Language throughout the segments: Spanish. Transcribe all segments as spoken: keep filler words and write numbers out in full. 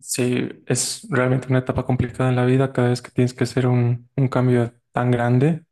Sí, es realmente una etapa complicada en la vida cada vez que tienes que hacer un, un cambio tan grande.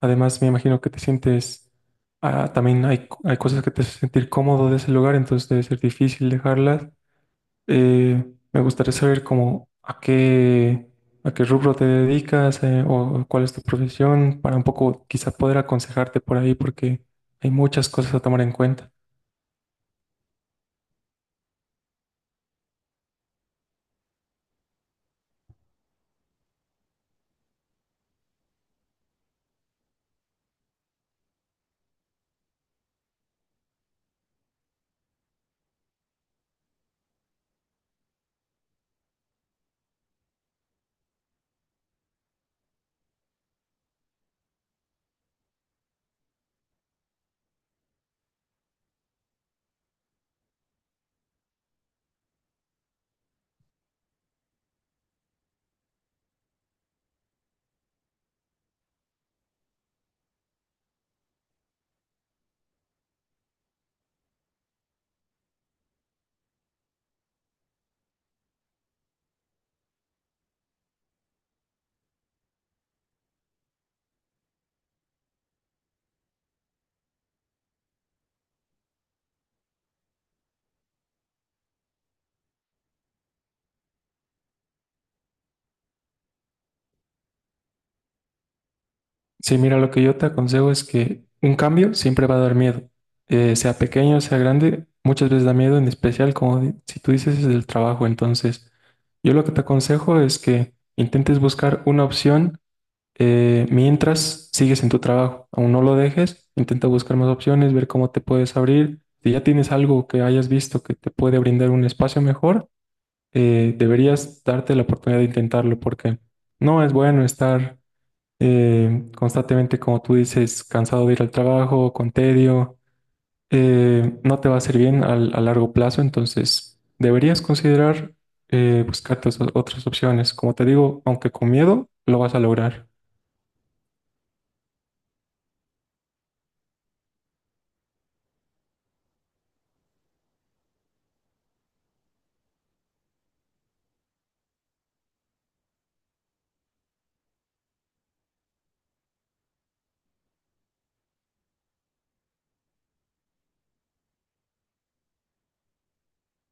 Además, me imagino que te sientes, ah, también hay, hay cosas que te hacen sentir cómodo de ese lugar, entonces debe ser difícil dejarlas. Eh, Me gustaría saber cómo, a qué, a qué rubro te dedicas, eh, o cuál es tu profesión, para un poco quizá poder aconsejarte por ahí, porque hay muchas cosas a tomar en cuenta. Sí, mira, lo que yo te aconsejo es que un cambio siempre va a dar miedo. Eh, sea pequeño, sea grande, muchas veces da miedo, en especial como di- si tú dices es del trabajo. Entonces, yo lo que te aconsejo es que intentes buscar una opción, eh, mientras sigues en tu trabajo, aún no lo dejes, intenta buscar más opciones, ver cómo te puedes abrir. Si ya tienes algo que hayas visto que te puede brindar un espacio mejor, eh, deberías darte la oportunidad de intentarlo porque no es bueno estar eh, constantemente, como tú dices, cansado de ir al trabajo, con tedio. Eh, no te va a hacer bien al- a largo plazo, entonces deberías considerar, eh, buscarte os- otras opciones. Como te digo, aunque con miedo, lo vas a lograr.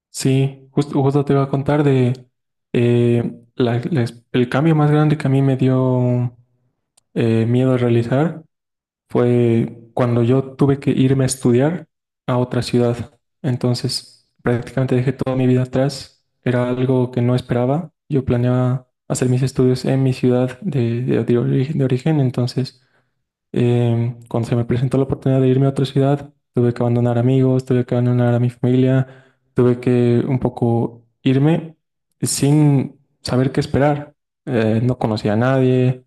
Sí, justo, justo te iba a contar de, eh, la- la- el cambio más grande que a mí me dio eh, miedo a realizar fue cuando yo tuve que irme a estudiar a otra ciudad. Entonces, prácticamente dejé toda mi vida atrás. Era algo que no esperaba. Yo planeaba hacer mis estudios en mi ciudad de, de- de origen, de origen. Entonces, em, cuando se me presentó la oportunidad de irme a otra ciudad, tuve que abandonar amigos, tuve que abandonar a mi familia, tuve que un poco irme sin saber qué esperar. Eh, no conocía a nadie,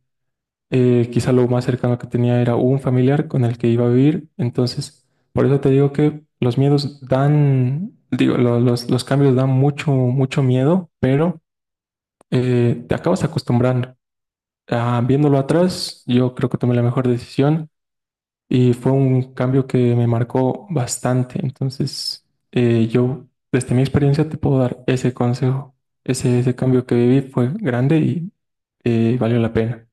eh, quizá lo más cercano que tenía era un familiar con el que iba a vivir. Entonces, por eso te digo que los miedos dan, digo, lo- los, los cambios dan mucho, mucho miedo, pero eh, te acabas acostumbrando. Ah, viéndolo atrás, yo creo que tomé la mejor decisión y fue un cambio que me marcó bastante. Entonces, eh, yo, desde mi experiencia, te puedo dar ese consejo. Ese, ese cambio que viví fue grande y, eh, valió la pena.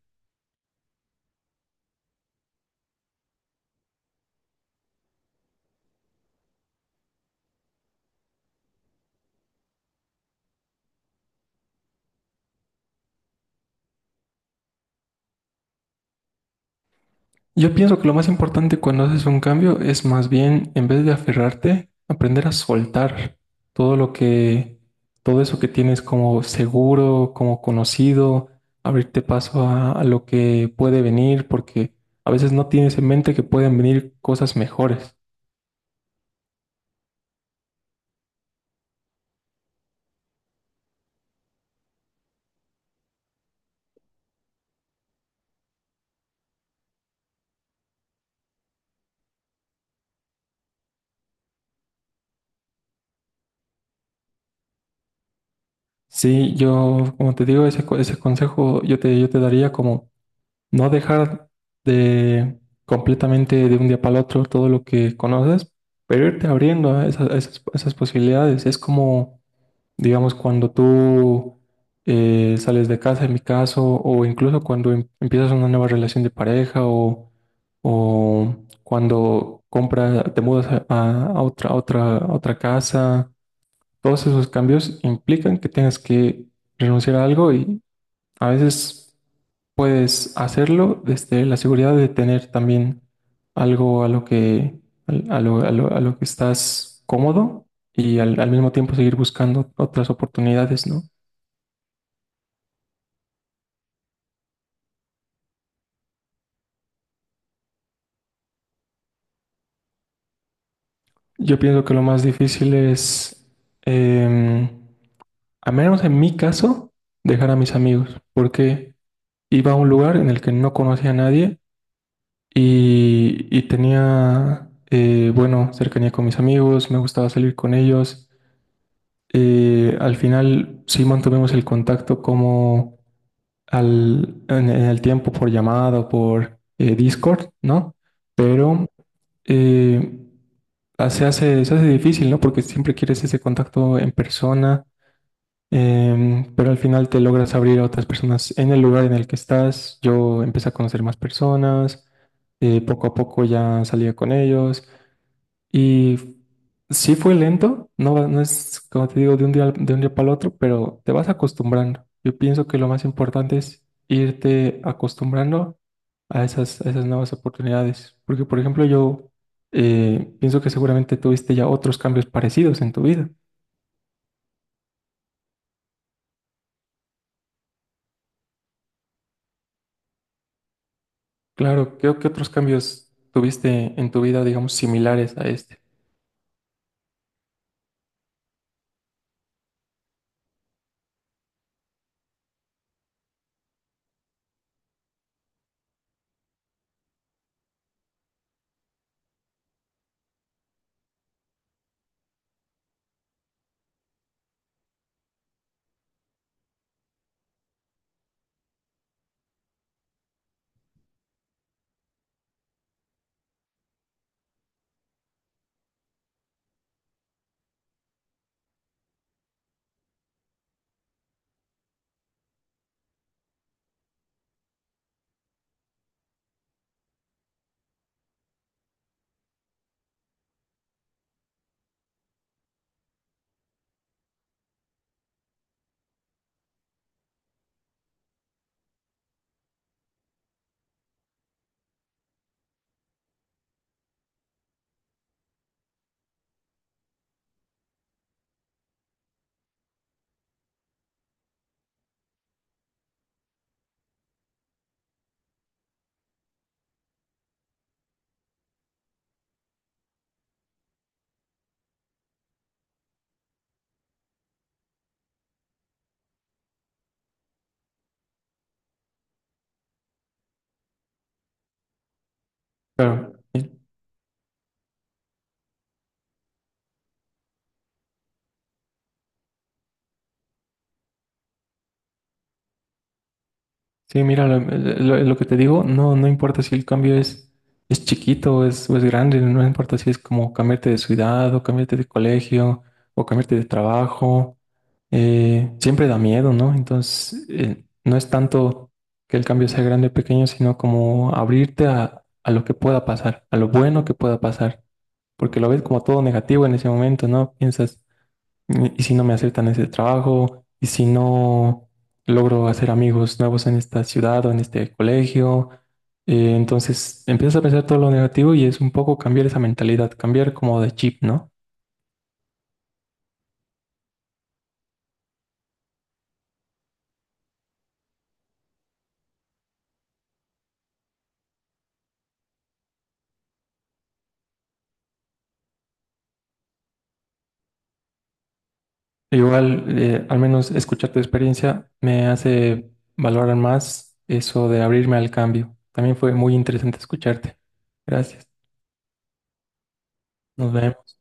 Yo pienso que lo más importante cuando haces un cambio es más bien, en vez de aferrarte, aprender a soltar todo lo que, todo eso que tienes como seguro, como conocido, abrirte paso a, a lo que puede venir, porque a veces no tienes en mente que pueden venir cosas mejores. Sí, yo, como te digo, ese, co- ese consejo yo te, yo te daría como: no dejar de completamente de un día para el otro todo lo que conoces, pero irte abriendo a esa- a esas, a esas posibilidades. Es como, digamos, cuando tú, eh, sales de casa, en mi caso, o incluso cuando em- empiezas una nueva relación de pareja o, o cuando compras, te mudas a, a- a otra, a otra, a otra casa. Todos esos cambios implican que tengas que renunciar a algo. A veces puedes hacerlo desde la seguridad de tener también algo a lo que, al- a lo, a lo- a lo que estás cómodo y al, al mismo tiempo seguir buscando otras oportunidades, ¿no? Yo pienso que lo más difícil es, eh, a menos en mi caso, dejar a mis amigos, porque iba a un lugar en el que no conocía a nadie y, y tenía, eh, bueno, cercanía con mis amigos, me gustaba salir con ellos. Eh, al final sí mantuvimos el contacto como al, en, en el tiempo por llamada o por, eh, Discord, ¿no? Pero, eh, ah, se hace, se hace difícil, ¿no? Porque siempre quieres ese contacto en persona. Em, pero al final te logras abrir a otras personas en el lugar en el que estás. Yo empecé a conocer más personas, eh, poco a poco ya salía con ellos. Y sí fue lento, no, no es como te digo de un día, al- de un día para el otro, pero te vas acostumbrando. Yo pienso que lo más importante es irte acostumbrando a esas, a esas nuevas oportunidades. Porque, por ejemplo, yo, eh, pienso que seguramente tuviste ya otros cambios parecidos en tu vida. Claro, creo que otros cambios tuviste en tu vida, digamos, similares a este. Claro. Sí, mira, lo, lo- lo que te digo, no, no importa si el cambio es, es chiquito o es, o es grande, no no importa si es como cambiarte de ciudad o cambiarte de colegio o cambiarte de trabajo. Eh, siempre da miedo, ¿no? Entonces, eh, no es tanto que el cambio sea grande o pequeño, sino como abrirte a, a lo que pueda pasar, a lo bueno que pueda pasar, porque lo ves como todo negativo en ese momento, ¿no? Piensas, ¿y si no me aceptan ese trabajo?, ¿y si no logro hacer amigos nuevos en esta ciudad o en este colegio? Eh, entonces empiezas a pensar todo lo negativo y es un poco cambiar esa mentalidad, cambiar como de chip, ¿no? Igual, eh, al menos escuchar tu experiencia me hace valorar más eso de abrirme al cambio. También fue muy interesante escucharte. Gracias. Nos vemos.